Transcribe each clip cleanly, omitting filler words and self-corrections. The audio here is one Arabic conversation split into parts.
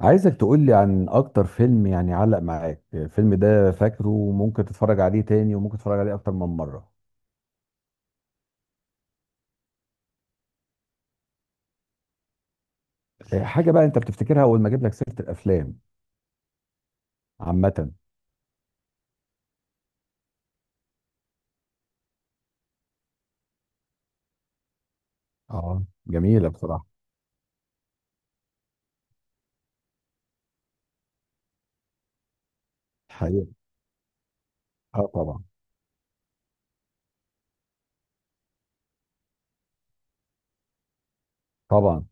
عايزك تقولي عن اكتر فيلم يعني علق معاك، الفيلم ده فاكره وممكن تتفرج عليه تاني وممكن تتفرج عليه اكتر من مرة. إيه، حاجة بقى انت بتفتكرها اول ما اجيب لك سيرة الافلام عامة. اه، جميلة بصراحة. حقيقة. اه، طبعا طبعا.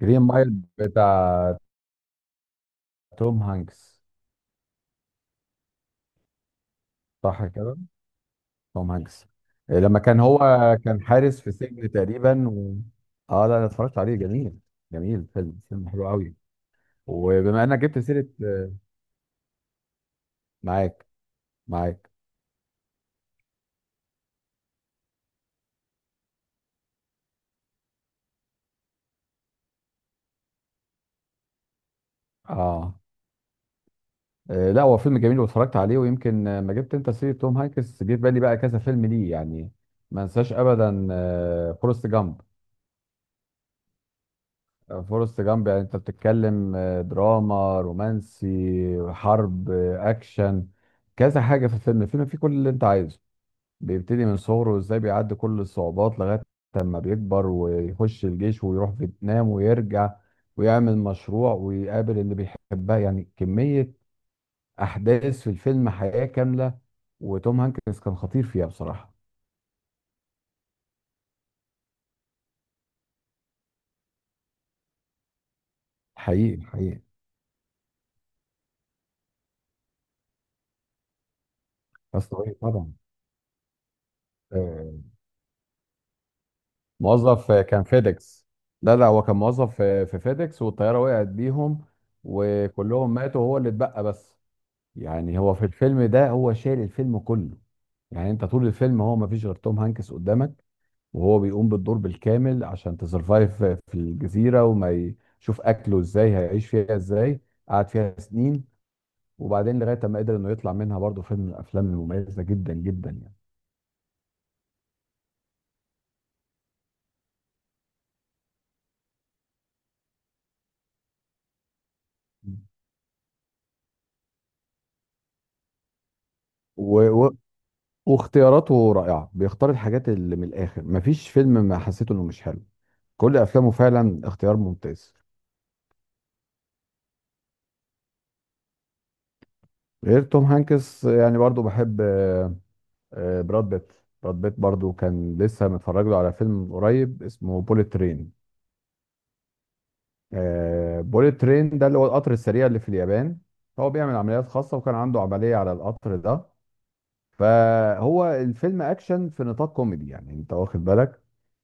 جرين مايل، بتاع توم هانكس، صح كده. توم هانكس. إيه، لما كان هو كان حارس في سجن تقريبا اه، لا انا اتفرجت عليه، جميل، جميل فيلم، فيلم حلو قوي. وبما انك جبت سيرة معاك معاك، اه. لا هو فيلم جميل واتفرجت عليه، ويمكن ما جبت انت سيرة توم هانكس جه في بالي بقى كذا فيلم ليه يعني، ما انساش ابدا فورست جامب. فورست جامب، يعني انت بتتكلم دراما رومانسي، حرب اكشن، كذا حاجة في الفيلم. الفيلم فيه كل اللي انت عايزه، بيبتدي من صغره وازاي بيعدي كل الصعوبات لغاية لما بيكبر ويخش الجيش ويروح فيتنام ويرجع ويعمل مشروع ويقابل اللي بيحبها، يعني كمية احداث في الفيلم، حياه كامله. وتوم هانكس كان خطير فيها بصراحه. حقيقي حقيقي. بس طبيعي طبعا. آه، موظف كان فيديكس. لا لا، هو كان موظف في فيديكس والطياره وقعت بيهم، وكلهم ماتوا وهو اللي اتبقى بس. يعني هو في الفيلم ده هو شايل الفيلم كله، يعني انت طول الفيلم هو ما فيش غير توم هانكس قدامك، وهو بيقوم بالدور بالكامل عشان تسرفايف في الجزيره يشوف اكله ازاي، هيعيش فيها ازاي. قعد فيها سنين، وبعدين لغايه ما قدر انه يطلع منها. برضه فيلم من الافلام المميزه جدا جدا يعني. و... و... واختياراته رائعه، بيختار الحاجات اللي من الاخر، مفيش فيلم ما حسيته انه مش حلو. كل افلامه فعلا اختيار ممتاز. غير توم هانكس يعني برضه بحب براد بيت. براد بيت برضه كان لسه متفرج له على فيلم من قريب اسمه بوليت ترين. بوليت ترين ده اللي هو القطر السريع اللي في اليابان. هو بيعمل عمليات خاصة وكان عنده عملية على القطر ده. فهو الفيلم اكشن في نطاق كوميدي، يعني انت واخد بالك،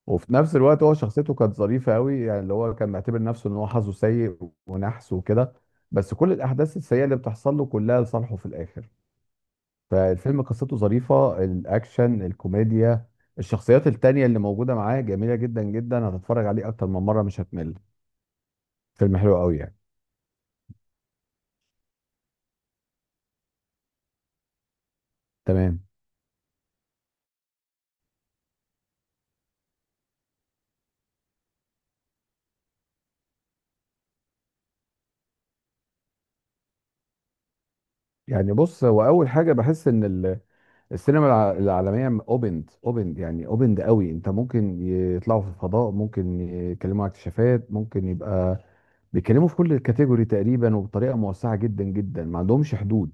وفي نفس الوقت هو شخصيته كانت ظريفه قوي. يعني اللي هو كان معتبر نفسه ان هو حظه سيء ونحس وكده، بس كل الاحداث السيئه اللي بتحصل له كلها لصالحه في الاخر. فالفيلم قصته ظريفه، الاكشن، الكوميديا، الشخصيات التانية اللي موجوده معاه جميله جدا جدا، هتتفرج عليه اكتر من مره مش هتمل، فيلم حلو قوي يعني. تمام. يعني بص هو اول حاجه بحس ان السينما العالمية اوبند اوبند يعني اوبند قوي، انت ممكن يطلعوا في الفضاء، ممكن يتكلموا عن اكتشافات، ممكن يبقى بيتكلموا في كل الكاتيجوري تقريبا وبطريقة موسعة جدا جدا، ما عندهمش حدود،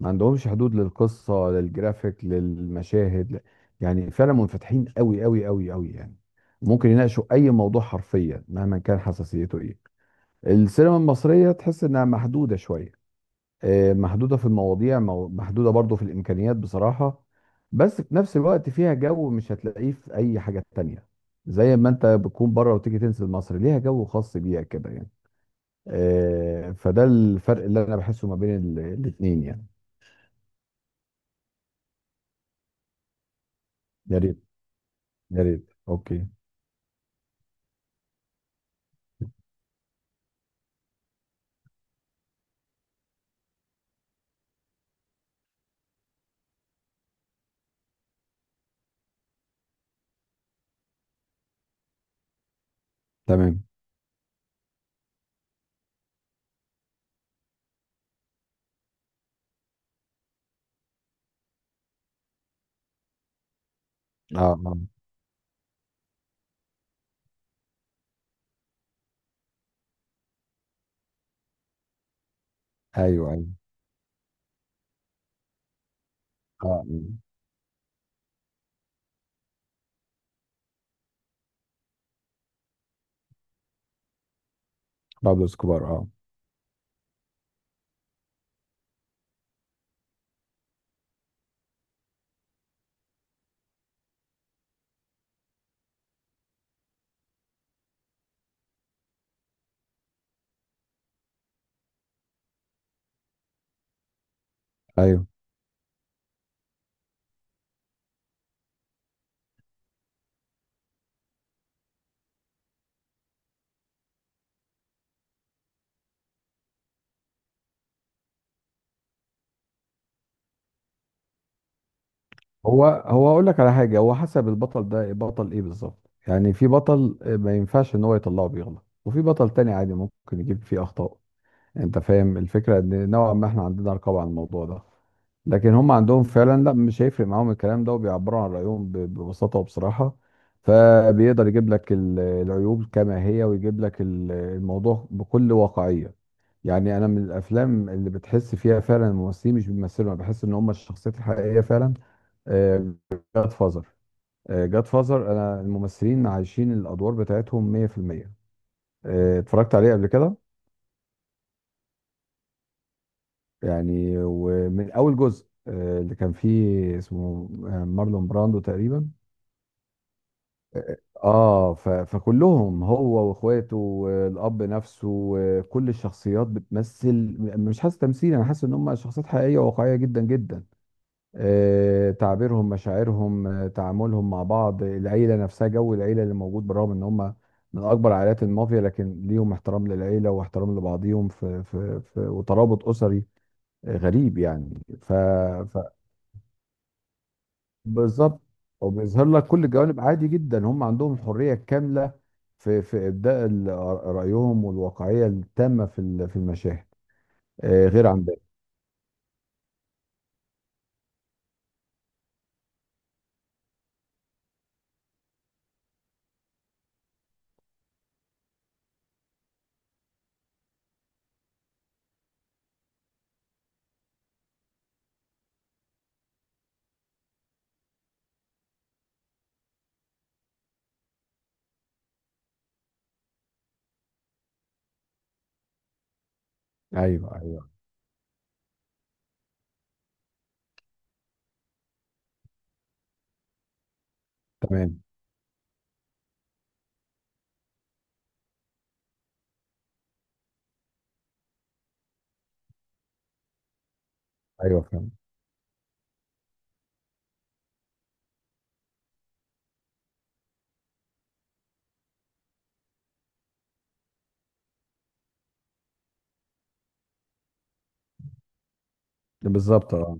ما عندهمش حدود للقصة، للجرافيك، للمشاهد، يعني فعلا منفتحين قوي قوي قوي قوي يعني. ممكن يناقشوا اي موضوع حرفيا مهما كان حساسيته ايه. السينما المصرية تحس انها محدودة شوية، محدودة في المواضيع، محدودة برضو في الإمكانيات بصراحة. بس في نفس الوقت فيها جو مش هتلاقيه في أي حاجة تانية، زي ما أنت بتكون بره وتيجي تنزل مصر ليها جو خاص بيها كده يعني. فده الفرق اللي أنا بحسه ما بين الاتنين يعني. يا ريت يا ريت، أوكي. تمام. أه آه. أيوه أيوه. أه آه. بابلو اسكوبار، أه. أيوه. هو اقول لك على حاجه، هو حسب البطل ده بطل ايه بالظبط. يعني في بطل ما ينفعش ان هو يطلعه بيغلط، وفي بطل تاني عادي ممكن يجيب فيه اخطاء. انت فاهم الفكره، ان نوعا ما احنا عندنا رقابه على الموضوع ده، لكن هم عندهم فعلا لا، مش هيفرق معاهم الكلام ده، وبيعبروا عن رايهم ببساطه وبصراحه. فبيقدر يجيب لك العيوب كما هي، ويجيب لك الموضوع بكل واقعيه. يعني انا من الافلام اللي بتحس فيها فعلا الممثلين مش بيمثلوا، انا بحس ان هم الشخصيات الحقيقيه فعلا. جاد فازر، جاد فازر، انا الممثلين عايشين الادوار بتاعتهم 100%. اتفرجت عليه قبل كده. يعني ومن اول جزء اللي كان فيه اسمه مارلون براندو تقريبا. اه، فكلهم هو واخواته والاب نفسه وكل الشخصيات بتمثل، مش حاسس تمثيل، انا حاسس ان هم شخصيات حقيقيه وواقعيه جدا جدا. تعبيرهم، مشاعرهم، تعاملهم مع بعض، العيلة نفسها، جو العيلة اللي موجود، بالرغم ان هم من اكبر عائلات المافيا لكن ليهم احترام للعيلة واحترام لبعضيهم في وترابط اسري غريب يعني. ف, ف بالظبط، وبيظهر لك كل الجوانب عادي جدا. هم عندهم الحرية الكاملة في ابداء رأيهم، والواقعية التامة في في المشاهد. غير عن ده. ايوه ايوه، تمام. ايوه، فهمت، بالظبط، اه.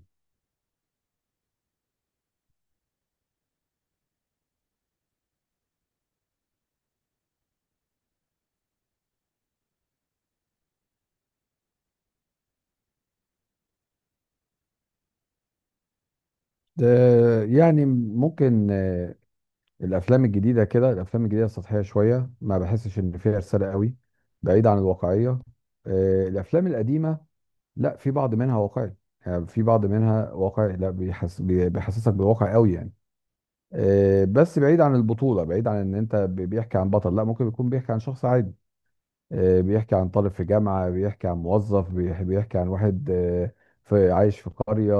ده يعني ممكن الافلام الجديده كده، الافلام الجديده سطحيه شويه، ما بحسش ان فيها رساله قوي، بعيد عن الواقعيه. الافلام القديمه لا، في بعض منها واقعي. يعني في بعض منها واقعي، لا بيحس بيحسسك بالواقع قوي يعني. بس بعيد عن البطوله، بعيد عن ان انت بيحكي عن بطل، لا ممكن يكون بيحكي عن شخص عادي. بيحكي عن طالب في جامعة، بيحكي عن موظف، بيحكي عن واحد في عايش في قرية.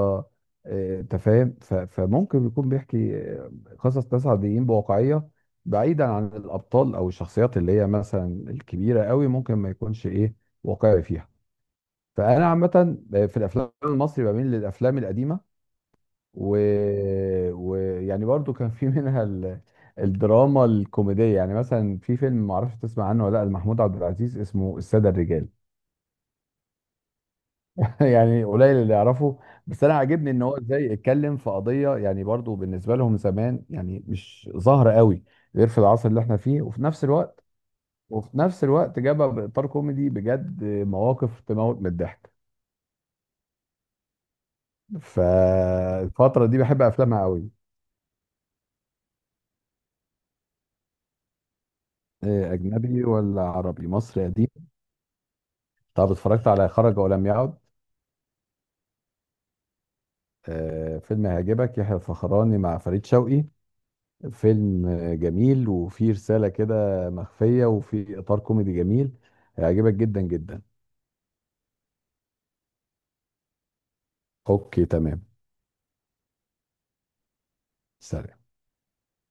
انت فاهم، فممكن يكون بيحكي قصص ناس عاديين بواقعية، بعيدا عن الأبطال أو الشخصيات اللي هي مثلا الكبيرة قوي ممكن ما يكونش إيه واقعي فيها. فأنا عامة في الأفلام المصري بميل للأفلام القديمة، ويعني ويعني برضو كان في منها الدراما الكوميدية. يعني مثلا في فيلم معرفش تسمع عنه ولا لأ، لمحمود عبد العزيز اسمه السادة الرجال يعني قليل اللي يعرفه. بس انا عاجبني ان هو ازاي اتكلم في قضيه يعني برضو بالنسبه لهم زمان يعني مش ظاهره قوي غير في العصر اللي احنا فيه. وفي نفس الوقت، وفي نفس الوقت جابها باطار كوميدي، بجد مواقف تموت من الضحك. فالفتره دي بحب افلامها قوي. إيه، اجنبي ولا عربي مصري قديم؟ طب اتفرجت على خرج ولم يعد؟ فيلم هيعجبك، يحيى الفخراني مع فريد شوقي، فيلم جميل وفيه رسالة كده مخفية وفيه إطار كوميدي جميل، هيعجبك جدا جدا. أوكي، تمام. سلام.